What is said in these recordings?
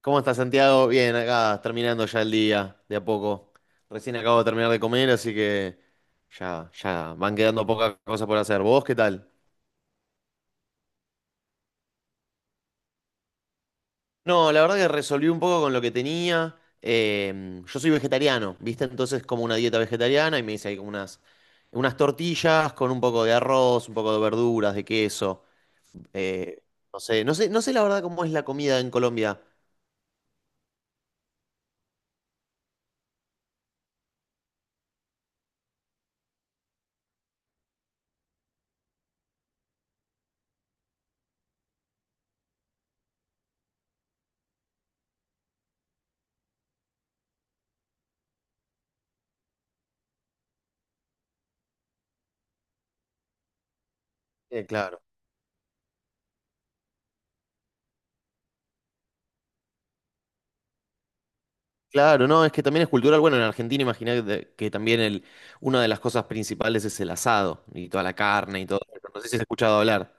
¿Cómo estás, Santiago? Bien, acá terminando ya el día, de a poco. Recién acabo de terminar de comer, así que ya van quedando pocas cosas por hacer. ¿Vos qué tal? No, la verdad que resolví un poco con lo que tenía. Yo soy vegetariano, ¿viste? Entonces como una dieta vegetariana y me hice ahí como unas tortillas con un poco de arroz, un poco de verduras, de queso. Eh, no sé la verdad cómo es la comida en Colombia. Claro. Claro, no, es que también es cultural. Bueno, en Argentina imaginé que también una de las cosas principales es el asado y toda la carne y todo. No sé si has escuchado hablar.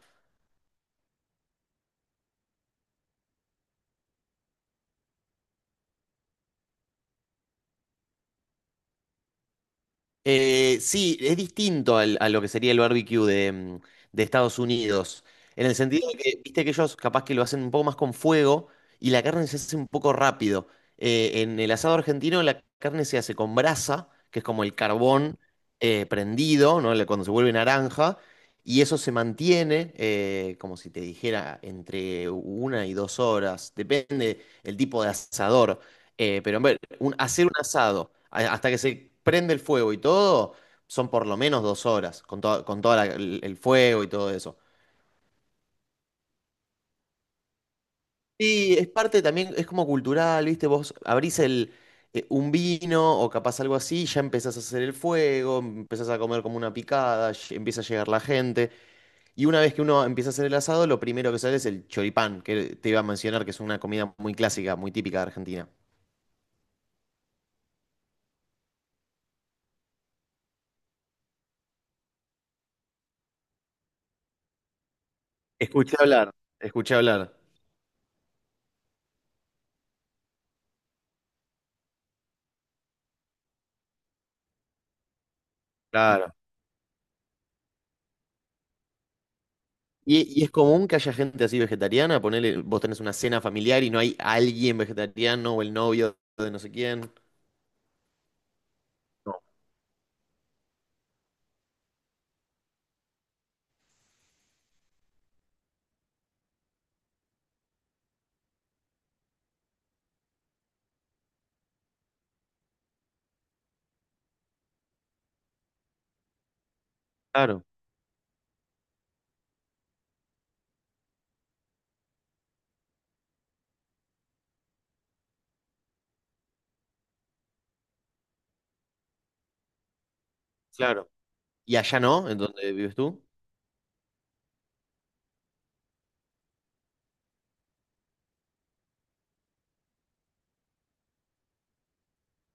Sí, es distinto a lo que sería el barbecue de Estados Unidos, en el sentido de que, viste que ellos capaz que lo hacen un poco más con fuego y la carne se hace un poco rápido. En el asado argentino la carne se hace con brasa, que es como el carbón prendido, ¿no? Cuando se vuelve naranja, y eso se mantiene, como si te dijera, entre 1 y 2 horas, depende el tipo de asador. Pero hacer un asado hasta que se prende el fuego y todo, son por lo menos 2 horas con todo el fuego y todo eso. Y es parte también, es como cultural, ¿viste? Vos abrís un vino o capaz algo así, ya empezás a hacer el fuego, empezás a comer como una picada, empieza a llegar la gente. Y una vez que uno empieza a hacer el asado, lo primero que sale es el choripán, que te iba a mencionar, que es una comida muy clásica, muy típica de Argentina. Escuché hablar, escuché hablar. Claro. ¿Y es común que haya gente así vegetariana? Ponele, vos tenés una cena familiar y no hay alguien vegetariano o el novio de no sé quién. No, claro, claro. ¿Y allá no? ¿En donde vives tú?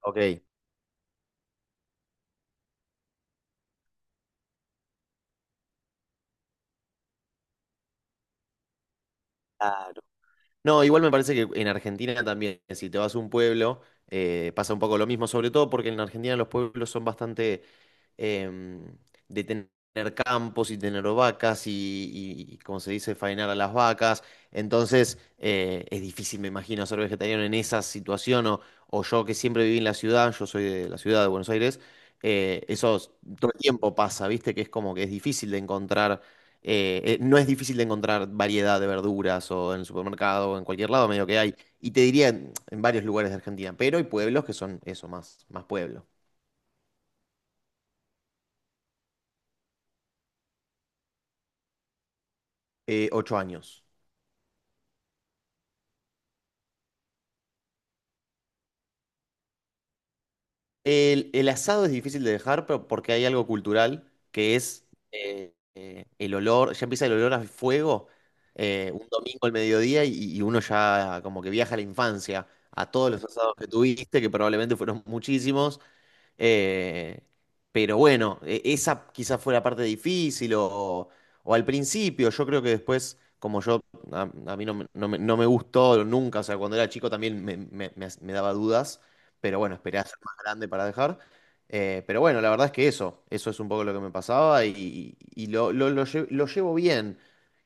Ok, claro. No, igual me parece que en Argentina también, si te vas a un pueblo, pasa un poco lo mismo, sobre todo porque en Argentina los pueblos son bastante em, de tener campos y tener vacas y, como se dice, faenar a las vacas. Entonces, es difícil, me imagino, ser vegetariano en esa situación o yo que siempre viví en la ciudad, yo soy de la ciudad de Buenos Aires, eh, eso es- todo el tiempo pasa, ¿viste? Que es como que es difícil de encontrar. No es difícil de encontrar variedad de verduras o en el supermercado o en cualquier lado, medio que hay. Y te diría en varios lugares de Argentina, pero hay pueblos que son eso, más, más pueblo. 8 años. El asado es difícil de dejar, pero porque hay algo cultural que es el olor, ya empieza el olor a fuego un domingo al mediodía y uno ya como que viaja a la infancia, a todos los asados que tuviste, que probablemente fueron muchísimos, eh, pero bueno, esa quizás fue la parte difícil o, al principio. Yo creo que después, como yo, a, a mí no no me gustó nunca, o sea, cuando era chico también me daba dudas, pero bueno, esperé a ser más grande para dejar. Pero bueno, la verdad es que eso es un poco lo que me pasaba y lo llevo bien.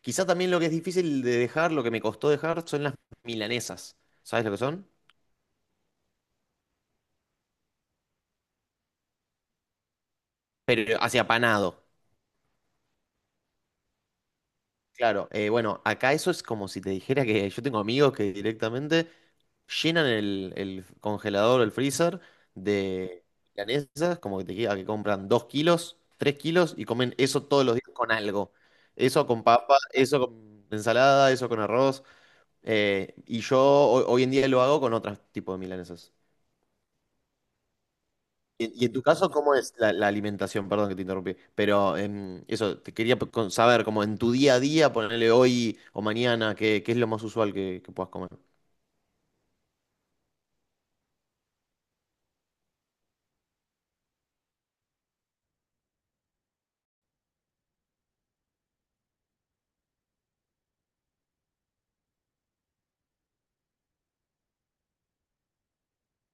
Quizá también lo que es difícil de dejar, lo que me costó dejar, son las milanesas. ¿Sabes lo que son? Pero hacia panado. Claro, bueno, acá eso es como si te dijera que yo tengo amigos que directamente llenan el congelador o el freezer de milanesas, como que te queda que compran 2 kilos, 3 kilos y comen eso todos los días con algo. Eso con papa, eso con ensalada, eso con arroz. Y yo hoy en día lo hago con otros tipos de milanesas. Y en tu caso, ¿cómo es la alimentación? Perdón que te interrumpí, pero eso, te quería saber, como en tu día a día, ponerle hoy o mañana, ¿Qué es lo más usual que puedas comer?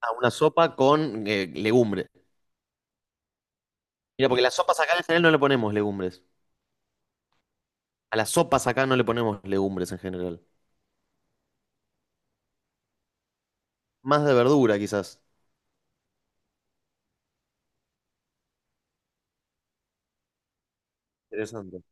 Ah, una sopa con legumbres. Mira, porque las sopas acá en general no le ponemos legumbres. A las sopas acá no le ponemos legumbres en general. Más de verdura, quizás. Interesante.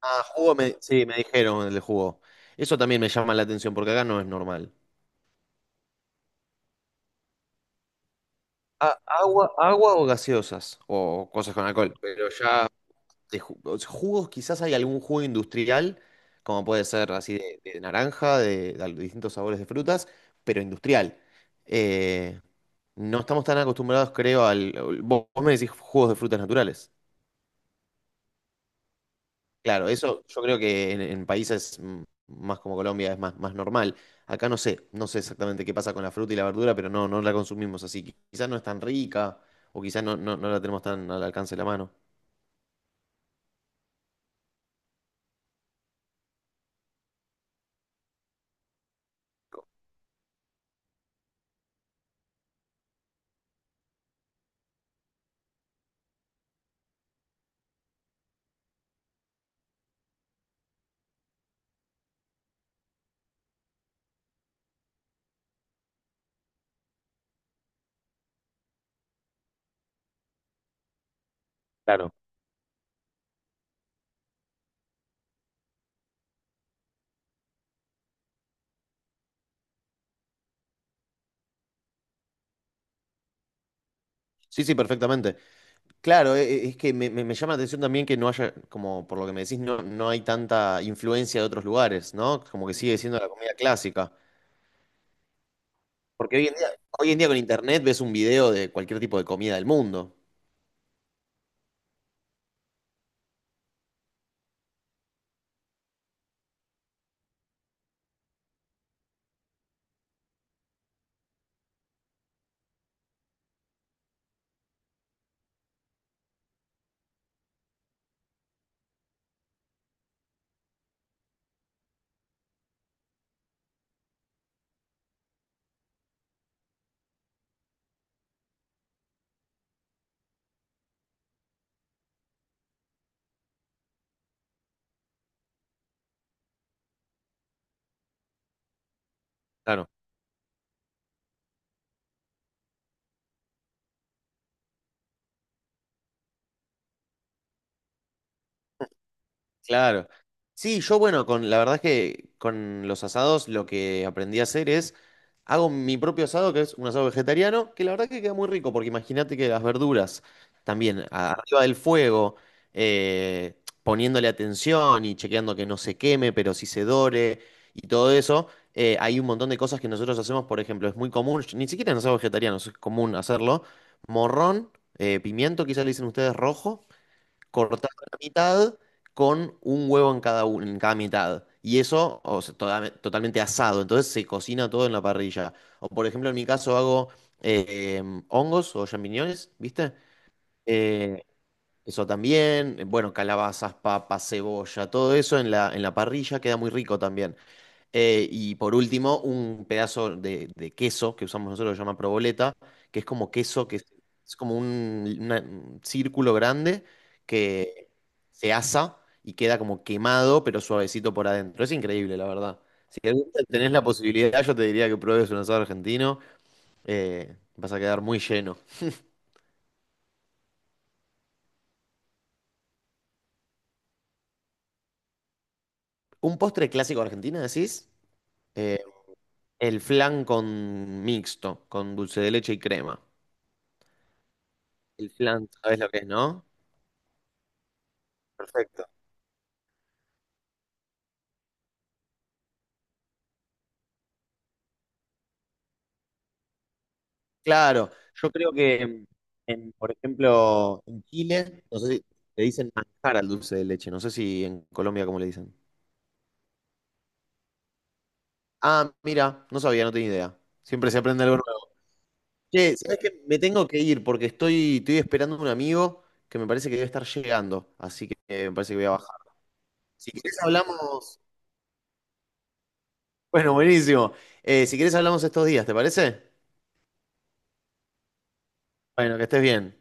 Ah, jugo, sí, me dijeron el jugo. Eso también me llama la atención, porque acá no es normal. Agua o gaseosas, o cosas con alcohol, pero ya. O sea, jugos, quizás hay algún jugo industrial, como puede ser así de naranja, distintos sabores de frutas, pero industrial. Eh, no estamos tan acostumbrados, creo, Vos me decís jugos de frutas naturales. Claro, eso yo creo que en países más como Colombia es más, más normal. Acá no sé exactamente qué pasa con la fruta y la verdura, pero no la consumimos así. Quizás no es tan rica o quizás no la tenemos tan al alcance de la mano. Claro. Sí, sí, perfectamente. Claro, es que me llama la atención también que no haya, como por lo que me decís, no hay tanta influencia de otros lugares, ¿no? Como que sigue siendo la comida clásica. Porque hoy en día con internet ves un video de cualquier tipo de comida del mundo. Claro. Claro. Sí, yo bueno, con la verdad es que con los asados lo que aprendí a hacer es hago mi propio asado, que es un asado vegetariano, que la verdad que queda muy rico, porque imagínate que las verduras también arriba del fuego, eh, poniéndole atención y chequeando que no se queme, pero sí se dore y todo eso, hay un montón de cosas que nosotros hacemos, por ejemplo, es muy común, ni siquiera en asados vegetarianos es común hacerlo, morrón, pimiento, quizá le dicen ustedes rojo cortado a la mitad con un huevo en cada, en cada mitad. Y eso, o sea, totalmente asado. Entonces se cocina todo en la parrilla. O por ejemplo, en mi caso hago eh, hongos o champiñones, ¿viste? Eh, eso también. Bueno, calabazas, papas, cebolla, todo eso en la parrilla queda muy rico también. Y por último, un pedazo de queso que usamos nosotros, que se llama proboleta, que es como queso, que es como un círculo grande que se asa y queda como quemado, pero suavecito por adentro. Es increíble, la verdad. Si algún día tenés la posibilidad, yo te diría que pruebes un asado argentino, vas a quedar muy lleno. ¿Un postre clásico argentino, decís? Eh, el flan con mixto, con dulce de leche y crema. El flan, ¿sabes lo que es, no? Perfecto. Claro, yo creo que, en, por ejemplo, en Chile, no sé si le dicen manjar al dulce de leche, no sé si en Colombia cómo le dicen. Ah, mira, no sabía, no tenía idea. Siempre se aprende algo nuevo. Che, ¿sabes qué? Me tengo que ir porque estoy esperando a un amigo que me parece que debe estar llegando, así que me parece que voy a bajar. Si querés hablamos. Bueno, buenísimo. Si querés hablamos estos días, ¿te parece? Bueno, que estés bien.